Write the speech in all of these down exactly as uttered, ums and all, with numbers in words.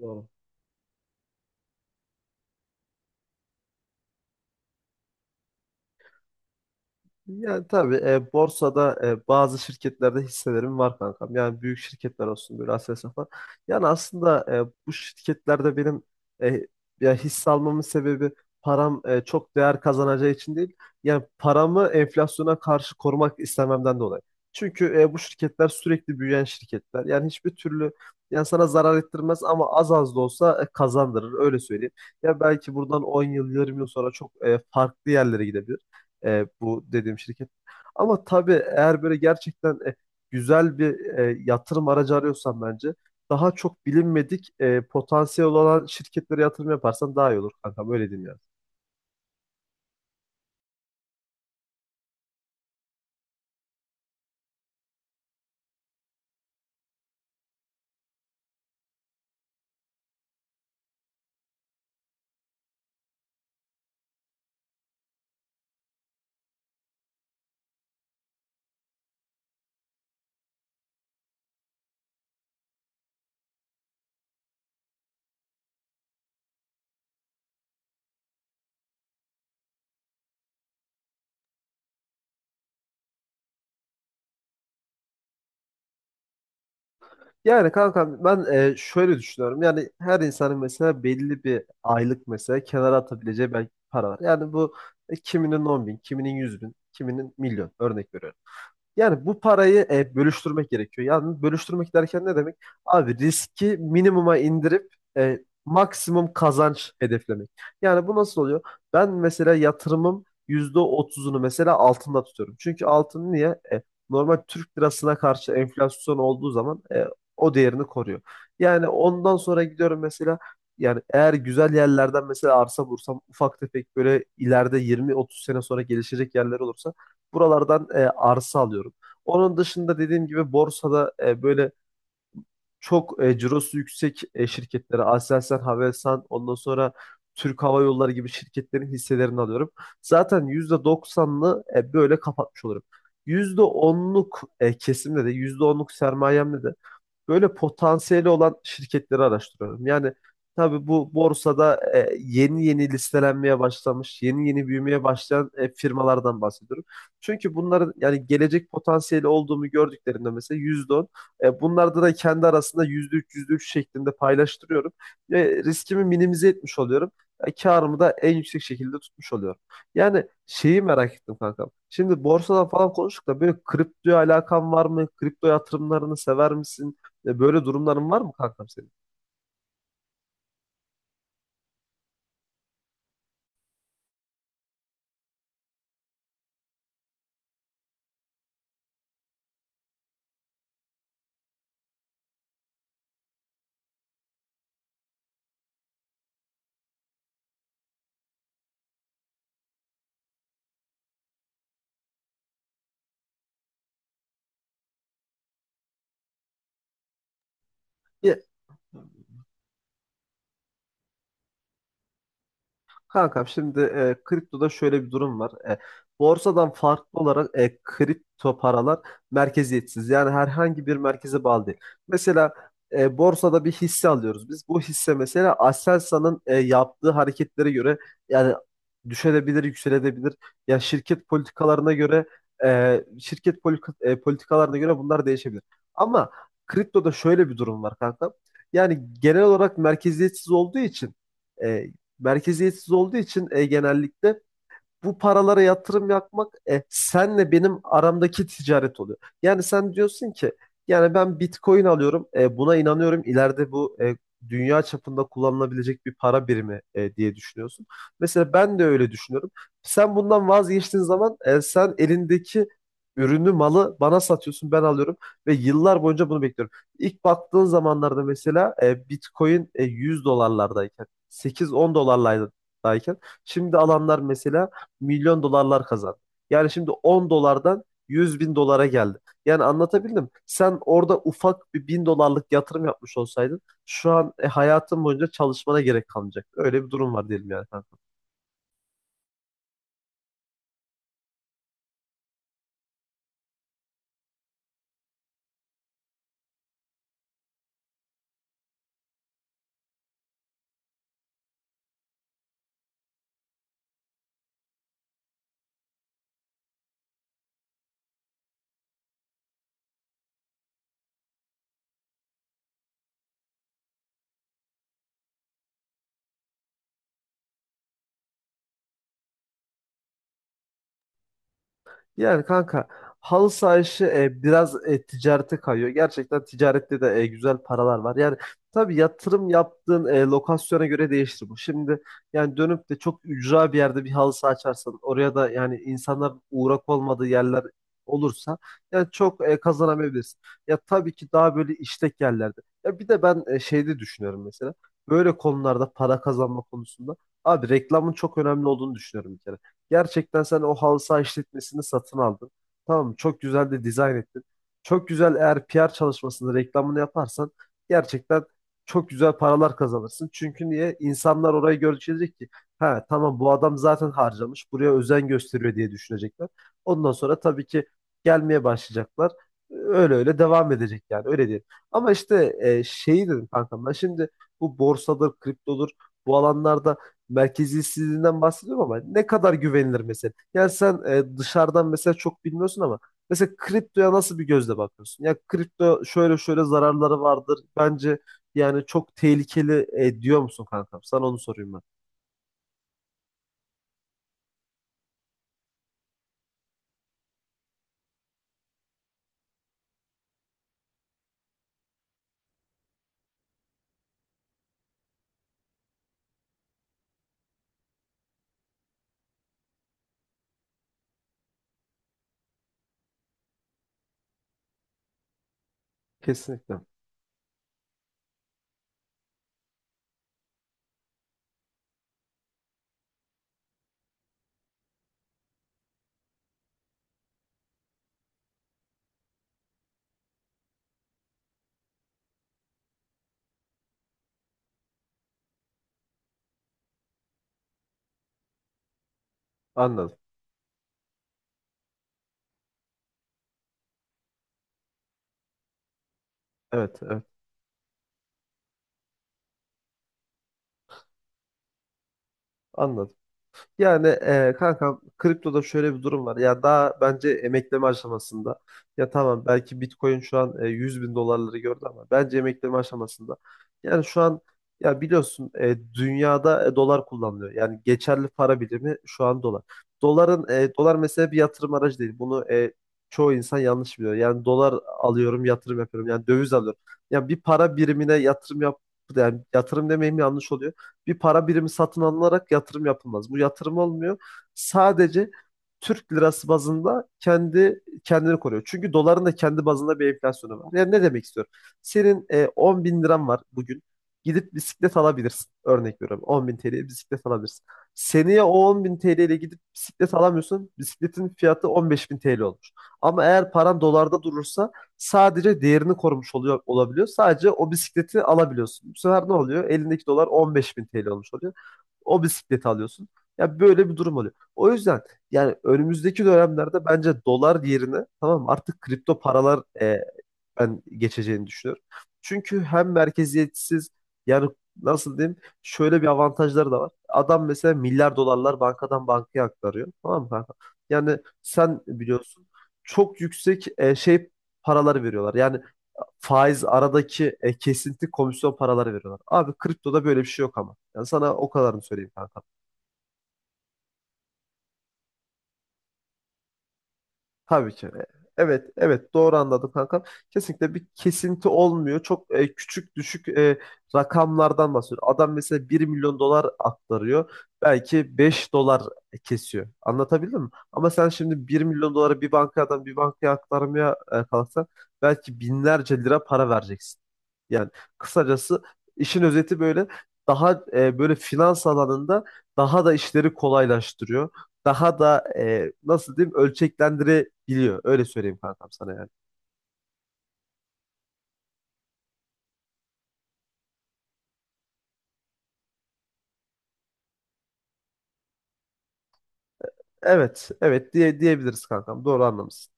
Doğru. Yani tabii e, borsada e, bazı şirketlerde hisselerim var kankam. Yani büyük şirketler olsun böyle Aselsan falan. Yani aslında e, bu şirketlerde benim e, ya hisse almamın sebebi param e, çok değer kazanacağı için değil. Yani paramı enflasyona karşı korumak istememden dolayı. Çünkü e, bu şirketler sürekli büyüyen şirketler. Yani hiçbir türlü yani sana zarar ettirmez ama az az da olsa e, kazandırır öyle söyleyeyim. Ya belki buradan on yıl yirmi yıl sonra çok e, farklı yerlere gidebilir. E, bu dediğim şirket. Ama tabii eğer böyle gerçekten e, güzel bir e, yatırım aracı arıyorsan bence daha çok bilinmedik e, potansiyel olan şirketlere yatırım yaparsan daha iyi olur kankam öyle diyeyim yani. Yani kankam ben e, şöyle düşünüyorum. Yani her insanın mesela belli bir aylık mesela kenara atabileceği belki para var. Yani bu e, kiminin on bin, kiminin yüz bin, kiminin milyon örnek veriyorum. Yani bu parayı e, bölüştürmek gerekiyor. Yani bölüştürmek derken ne demek? Abi riski minimuma indirip e, maksimum kazanç hedeflemek. Yani bu nasıl oluyor? Ben mesela yatırımım yüzde otuzunu mesela altında tutuyorum. Çünkü altın niye? E, Normal Türk lirasına karşı enflasyon olduğu zaman e, o değerini koruyor. Yani ondan sonra gidiyorum mesela yani eğer güzel yerlerden mesela arsa bulursam ufak tefek böyle ileride yirmi, otuz sene sonra gelişecek yerler olursa buralardan e, arsa alıyorum. Onun dışında dediğim gibi borsada e, böyle çok e, cirosu yüksek e, şirketlere Aselsan, Havelsan, ondan sonra Türk Hava Yolları gibi şirketlerin hisselerini alıyorum. Zaten yüzde doksanlı e, böyle kapatmış olurum. yüzde onluk e, kesimde de yüzde onluk sermayemde de böyle potansiyeli olan şirketleri araştırıyorum. Yani tabii bu borsada e, yeni yeni listelenmeye başlamış, yeni yeni büyümeye başlayan e, firmalardan bahsediyorum. Çünkü bunların yani gelecek potansiyeli olduğunu gördüklerinde mesela yüzde on, e, bunlarda da kendi arasında yüzde üç, yüzde üç şeklinde paylaştırıyorum ve riskimi minimize etmiş oluyorum. E, Karımı da en yüksek şekilde tutmuş oluyorum. Yani şeyi merak ettim kankam. Şimdi borsadan falan konuştuk da böyle kriptoya alakan var mı? Kripto yatırımlarını sever misin? E, Böyle durumların var mı kankam senin? Ya, kankam şimdi e, kriptoda şöyle bir durum var. E, borsadan farklı olarak e, kripto paralar merkeziyetsiz. Yani herhangi bir merkeze bağlı değil. Mesela e, borsada bir hisse alıyoruz biz. Bu hisse mesela Aselsan'ın e, yaptığı hareketlere göre yani düşebilir, yükselebilir. Ya şirket politikalarına göre e, şirket polika- e, politikalarına göre bunlar değişebilir. Ama kriptoda şöyle bir durum var kanka. Yani genel olarak merkeziyetsiz olduğu için e, merkeziyetsiz olduğu için e, genellikle bu paralara yatırım yapmak e, senle benim aramdaki ticaret oluyor. Yani sen diyorsun ki yani ben Bitcoin alıyorum e, buna inanıyorum ileride bu e, dünya çapında kullanılabilecek bir para birimi e, diye düşünüyorsun. Mesela ben de öyle düşünüyorum. Sen bundan vazgeçtiğin zaman e, sen elindeki ürünü malı bana satıyorsun ben alıyorum ve yıllar boyunca bunu bekliyorum. İlk baktığın zamanlarda mesela e, Bitcoin e, yüz dolarlardayken sekiz on dolarlardayken şimdi alanlar mesela milyon dolarlar kazandı. Yani şimdi on dolardan yüz bin dolara geldi. Yani anlatabildim. Sen orada ufak bir bin dolarlık yatırım yapmış olsaydın şu an e, hayatın boyunca çalışmana gerek kalmayacak. Öyle bir durum var diyelim yani. Yani kanka halı saha işi e, biraz e, ticarete kayıyor. Gerçekten ticarette de e, güzel paralar var. Yani tabii yatırım yaptığın e, lokasyona göre değişir bu. Şimdi yani dönüp de çok ücra bir yerde bir halı saha açarsan oraya da yani insanlar uğrak olmadığı yerler olursa yani çok e, kazanamayabilirsin. Ya tabii ki daha böyle işlek yerlerde. Ya bir de ben e, şeyde düşünüyorum mesela. Böyle konularda para kazanma konusunda. Abi reklamın çok önemli olduğunu düşünüyorum bir kere. Gerçekten sen o halı saha işletmesini satın aldın. Tamam mı? Çok güzel de dizayn ettin. Çok güzel eğer P R çalışmasını, reklamını yaparsan gerçekten çok güzel paralar kazanırsın. Çünkü niye? İnsanlar orayı görecek ki ha tamam bu adam zaten harcamış. Buraya özen gösteriyor diye düşünecekler. Ondan sonra tabii ki gelmeye başlayacaklar. Öyle öyle devam edecek yani öyle diyelim. Ama işte e, şeyi dedim kankam ben şimdi bu borsadır, kriptodur bu alanlarda merkeziyetsizliğinden bahsediyorum ama ne kadar güvenilir mesela? Yani sen e, dışarıdan mesela çok bilmiyorsun ama mesela kriptoya nasıl bir gözle bakıyorsun? Ya kripto şöyle şöyle zararları vardır. Bence yani çok tehlikeli e, diyor musun kankam? Sana onu sorayım ben. Kesinlikle. Anladım. Evet, evet. Anladım. Yani e, kankam kriptoda şöyle bir durum var. Ya daha bence emekleme aşamasında. Ya tamam belki Bitcoin şu an e, yüz bin dolarları gördü ama bence emekleme aşamasında. Yani şu an ya biliyorsun e, dünyada e, dolar kullanılıyor. Yani geçerli para birimi şu an dolar. Doların e, dolar mesela bir yatırım aracı değil. Bunu e, çoğu insan yanlış biliyor. Yani dolar alıyorum yatırım yapıyorum. Yani döviz alıyorum. Yani bir para birimine yatırım yap yani yatırım demeyeyim yanlış oluyor bir para birimi satın alınarak yatırım yapılmaz. Bu yatırım olmuyor. Sadece Türk lirası bazında kendi kendini koruyor. Çünkü doların da kendi bazında bir enflasyonu var. Yani ne demek istiyorum? Senin e, on bin liran var bugün. Gidip bisiklet alabilirsin. Örnek veriyorum. on bin T L'ye bisiklet alabilirsin. Seneye o on bin T L ile gidip bisiklet alamıyorsun. Bisikletin fiyatı on beş bin T L olmuş. Ama eğer paran dolarda durursa sadece değerini korumuş oluyor olabiliyor. Sadece o bisikleti alabiliyorsun. Bu sefer ne oluyor? Elindeki dolar on beş bin T L olmuş oluyor. O bisikleti alıyorsun. Ya böyle bir durum oluyor. O yüzden yani önümüzdeki dönemlerde bence dolar yerine tamam mı, artık kripto paralar e, ben geçeceğini düşünüyorum. Çünkü hem merkeziyetsiz yani nasıl diyeyim şöyle bir avantajları da var. Adam mesela milyar dolarlar bankadan bankaya aktarıyor. Tamam mı kanka? Yani sen biliyorsun çok yüksek e, şey paraları veriyorlar. Yani faiz aradaki e, kesinti komisyon paraları veriyorlar. Abi kriptoda böyle bir şey yok ama. Yani sana o kadarını söyleyeyim kanka. Tabii ki. Evet, evet doğru anladım kankam. Kesinlikle bir kesinti olmuyor. Çok e, küçük düşük e, rakamlardan bahsediyor. Adam mesela bir milyon dolar aktarıyor. Belki beş dolar kesiyor. Anlatabildim mi? Ama sen şimdi bir milyon doları bir bankadan bir bankaya aktarmaya e, kalksan belki binlerce lira para vereceksin. Yani kısacası işin özeti böyle daha e, böyle finans alanında daha da işleri kolaylaştırıyor daha da e, nasıl diyeyim ölçeklendirebiliyor. Öyle söyleyeyim kankam sana yani. Evet, evet diye diyebiliriz kankam. Doğru anlamışsın.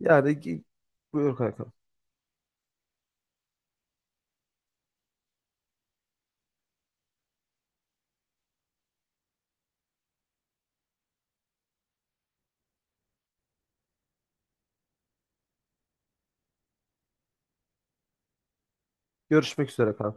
Yani gi- Buyur kankam. Görüşmek üzere kankam.